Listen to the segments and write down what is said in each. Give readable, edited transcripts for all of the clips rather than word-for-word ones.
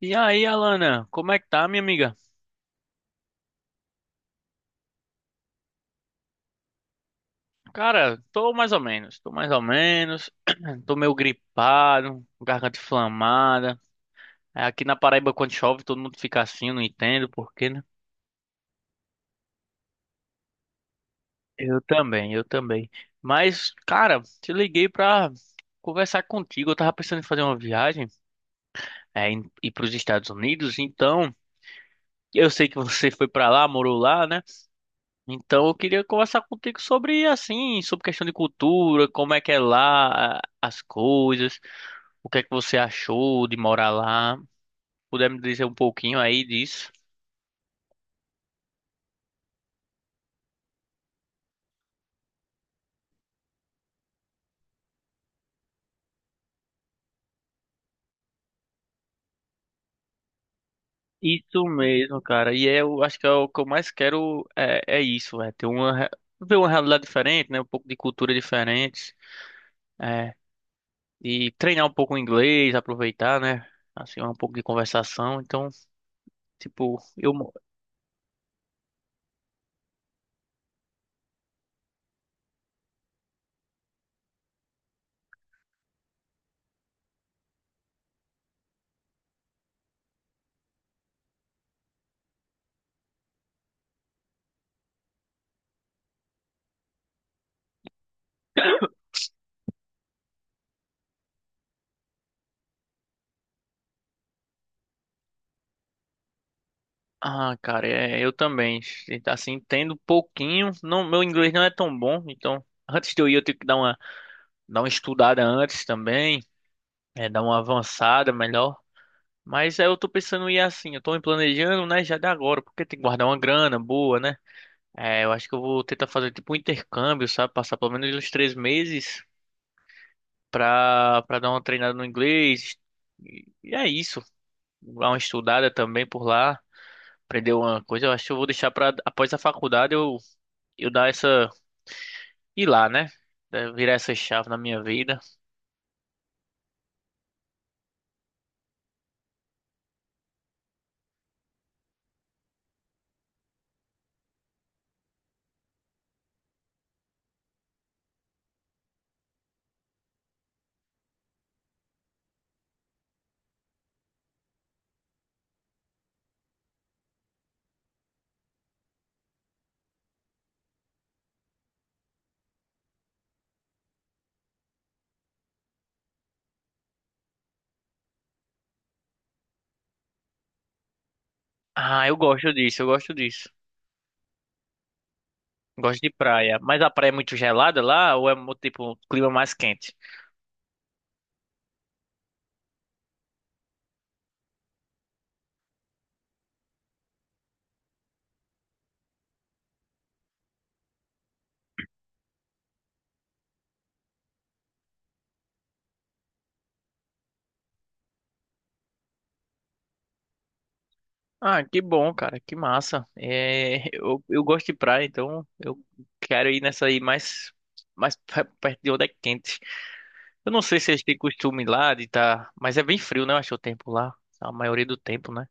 E aí, Alana, como é que tá, minha amiga? Cara, tô mais ou menos, tô mais ou menos, tô meio gripado, garganta inflamada. Aqui na Paraíba, quando chove, todo mundo fica assim, eu não entendo por quê, né? Eu também, eu também. Mas, cara, te liguei pra conversar contigo. Eu tava pensando em fazer uma viagem, ir pros Estados Unidos, então eu sei que você foi pra lá, morou lá, né? Então, eu queria conversar contigo sobre assim, sobre questão de cultura, como é que é lá, as coisas, o que é que você achou de morar lá. Puder me dizer um pouquinho aí disso? Isso mesmo, cara. E eu acho que é o que eu mais quero é isso, é ter ver uma realidade diferente, né? Um pouco de cultura diferente, é, e treinar um pouco o inglês, aproveitar, né? Assim, um pouco de conversação. Então, tipo, eu. Ah, cara, é, eu também. Assim, entendo um pouquinho. Não, meu inglês não é tão bom, então antes de eu ir eu tenho que dar uma estudada antes também, dar uma avançada melhor. Mas aí eu tô pensando em ir assim, eu tô me planejando, né, já de agora, porque tem que guardar uma grana boa, né? É, eu acho que eu vou tentar fazer tipo um intercâmbio, sabe? Passar pelo menos uns três meses pra dar uma treinada no inglês. E é isso. Dar uma estudada também por lá. Aprender uma coisa, eu acho que eu vou deixar pra após a faculdade eu dar essa. Ir lá, né? Virar essa chave na minha vida. Ah, eu gosto disso, eu gosto disso. Gosto de praia. Mas a praia é muito gelada lá ou tipo um clima mais quente? Ah, que bom, cara, que massa. É, eu gosto de praia, então eu quero ir nessa aí mais, perto de onde é quente. Eu não sei se eles têm costume lá de tá, mas é bem frio, né? Eu acho o tempo lá, a maioria do tempo, né?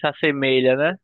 Se assemelha, né?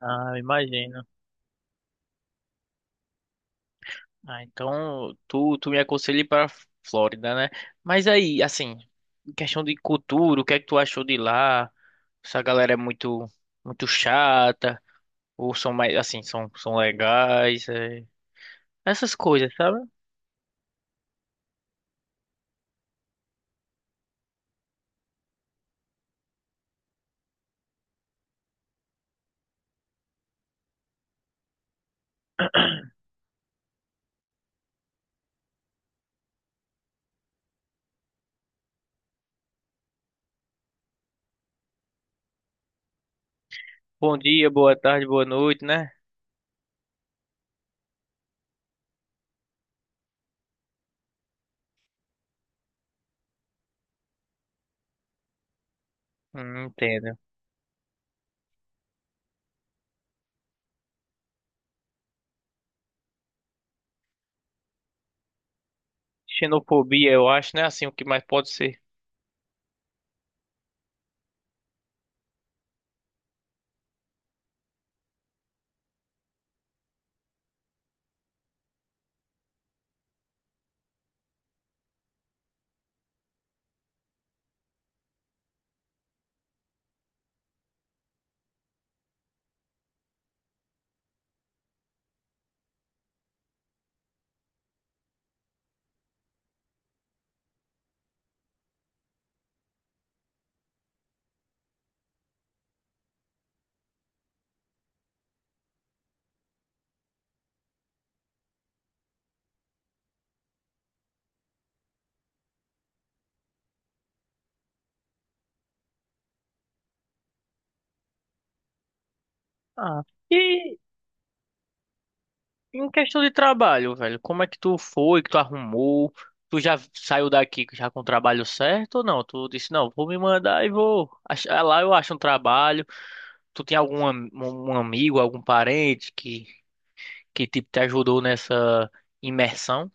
Ah, imagino. Ah, então tu me aconselha ir pra Flórida, né? Mas aí, assim, em questão de cultura, o que é que tu achou de lá? Essa galera é muito, muito chata, ou são mais, assim, são legais, é. Essas coisas, sabe? Bom dia, boa tarde, boa noite, né? Entendo. Xenofobia, eu acho, né? Assim, o que mais pode ser. Ah. E em questão de trabalho, velho, como é que tu foi, que tu arrumou? Tu já saiu daqui já com o trabalho certo ou não? Tu disse, não, vou me mandar e vou. Achar- lá eu acho um trabalho. Tu tem um amigo, algum parente que tipo, te ajudou nessa imersão?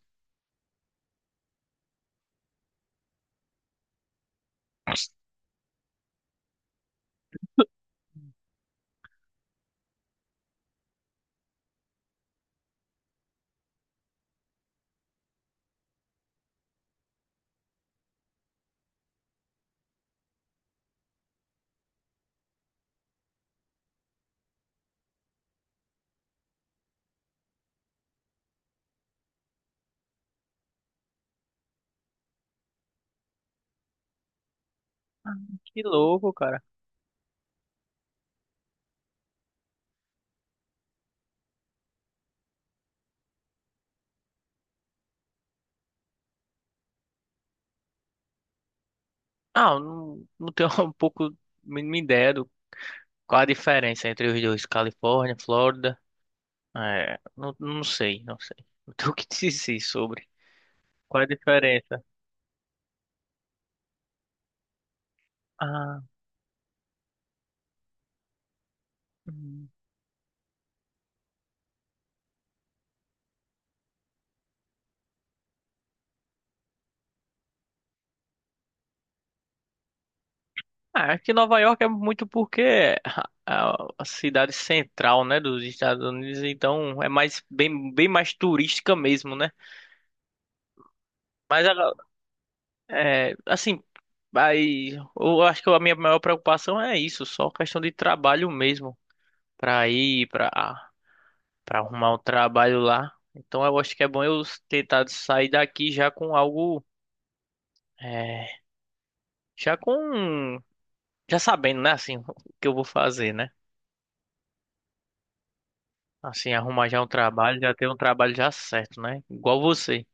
Que louco, cara. Ah, eu não, não tenho um pouco mínima ideia do qual a diferença entre os dois, Califórnia, Flórida. É, não sei, não sei. Não tenho o que dizer sobre. Qual é a diferença? Ah. Hum. Ah, aqui Nova York é muito porque é a cidade central, né, dos Estados Unidos, então é mais bem, bem mais turística mesmo, né? Mas a- assim, aí eu acho que a minha maior preocupação é isso, só questão de trabalho mesmo, para ir, para arrumar um trabalho lá. Então eu acho que é bom eu tentar sair daqui já com algo, é, já com já sabendo, né, assim, o que eu vou fazer, né? Assim, arrumar já um trabalho, já ter um trabalho já certo, né? Igual você.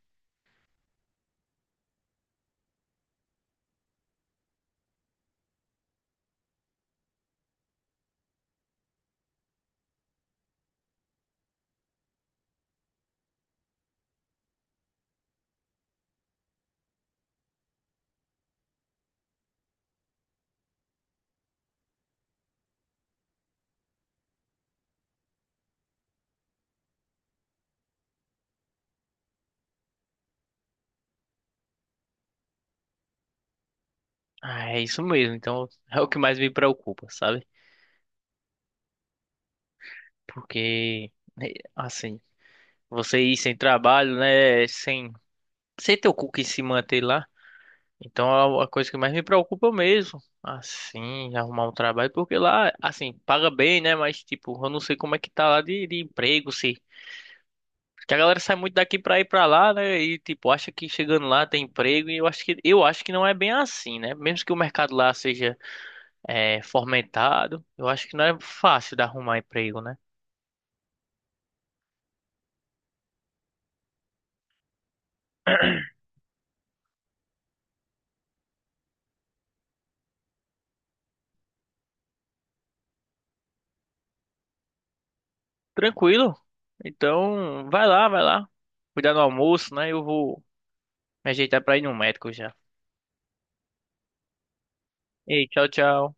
Ah, é isso mesmo. Então, é o que mais me preocupa, sabe? Porque, né, assim, você ir sem trabalho, né? Sem ter o cu que se manter lá. Então, é a coisa que mais me preocupa mesmo. Assim, arrumar um trabalho. Porque lá, assim, paga bem, né? Mas, tipo, eu não sei como é que tá lá de emprego, se. Que a galera sai muito daqui pra ir pra lá, né? E tipo, acha que chegando lá tem emprego. E eu acho que não é bem assim, né? Mesmo que o mercado lá seja fomentado, eu acho que não é fácil de arrumar emprego, né? Tranquilo. Então, vai lá, vai lá. Cuidar do almoço, né? Eu vou me ajeitar pra ir no médico já. Ei, tchau, tchau.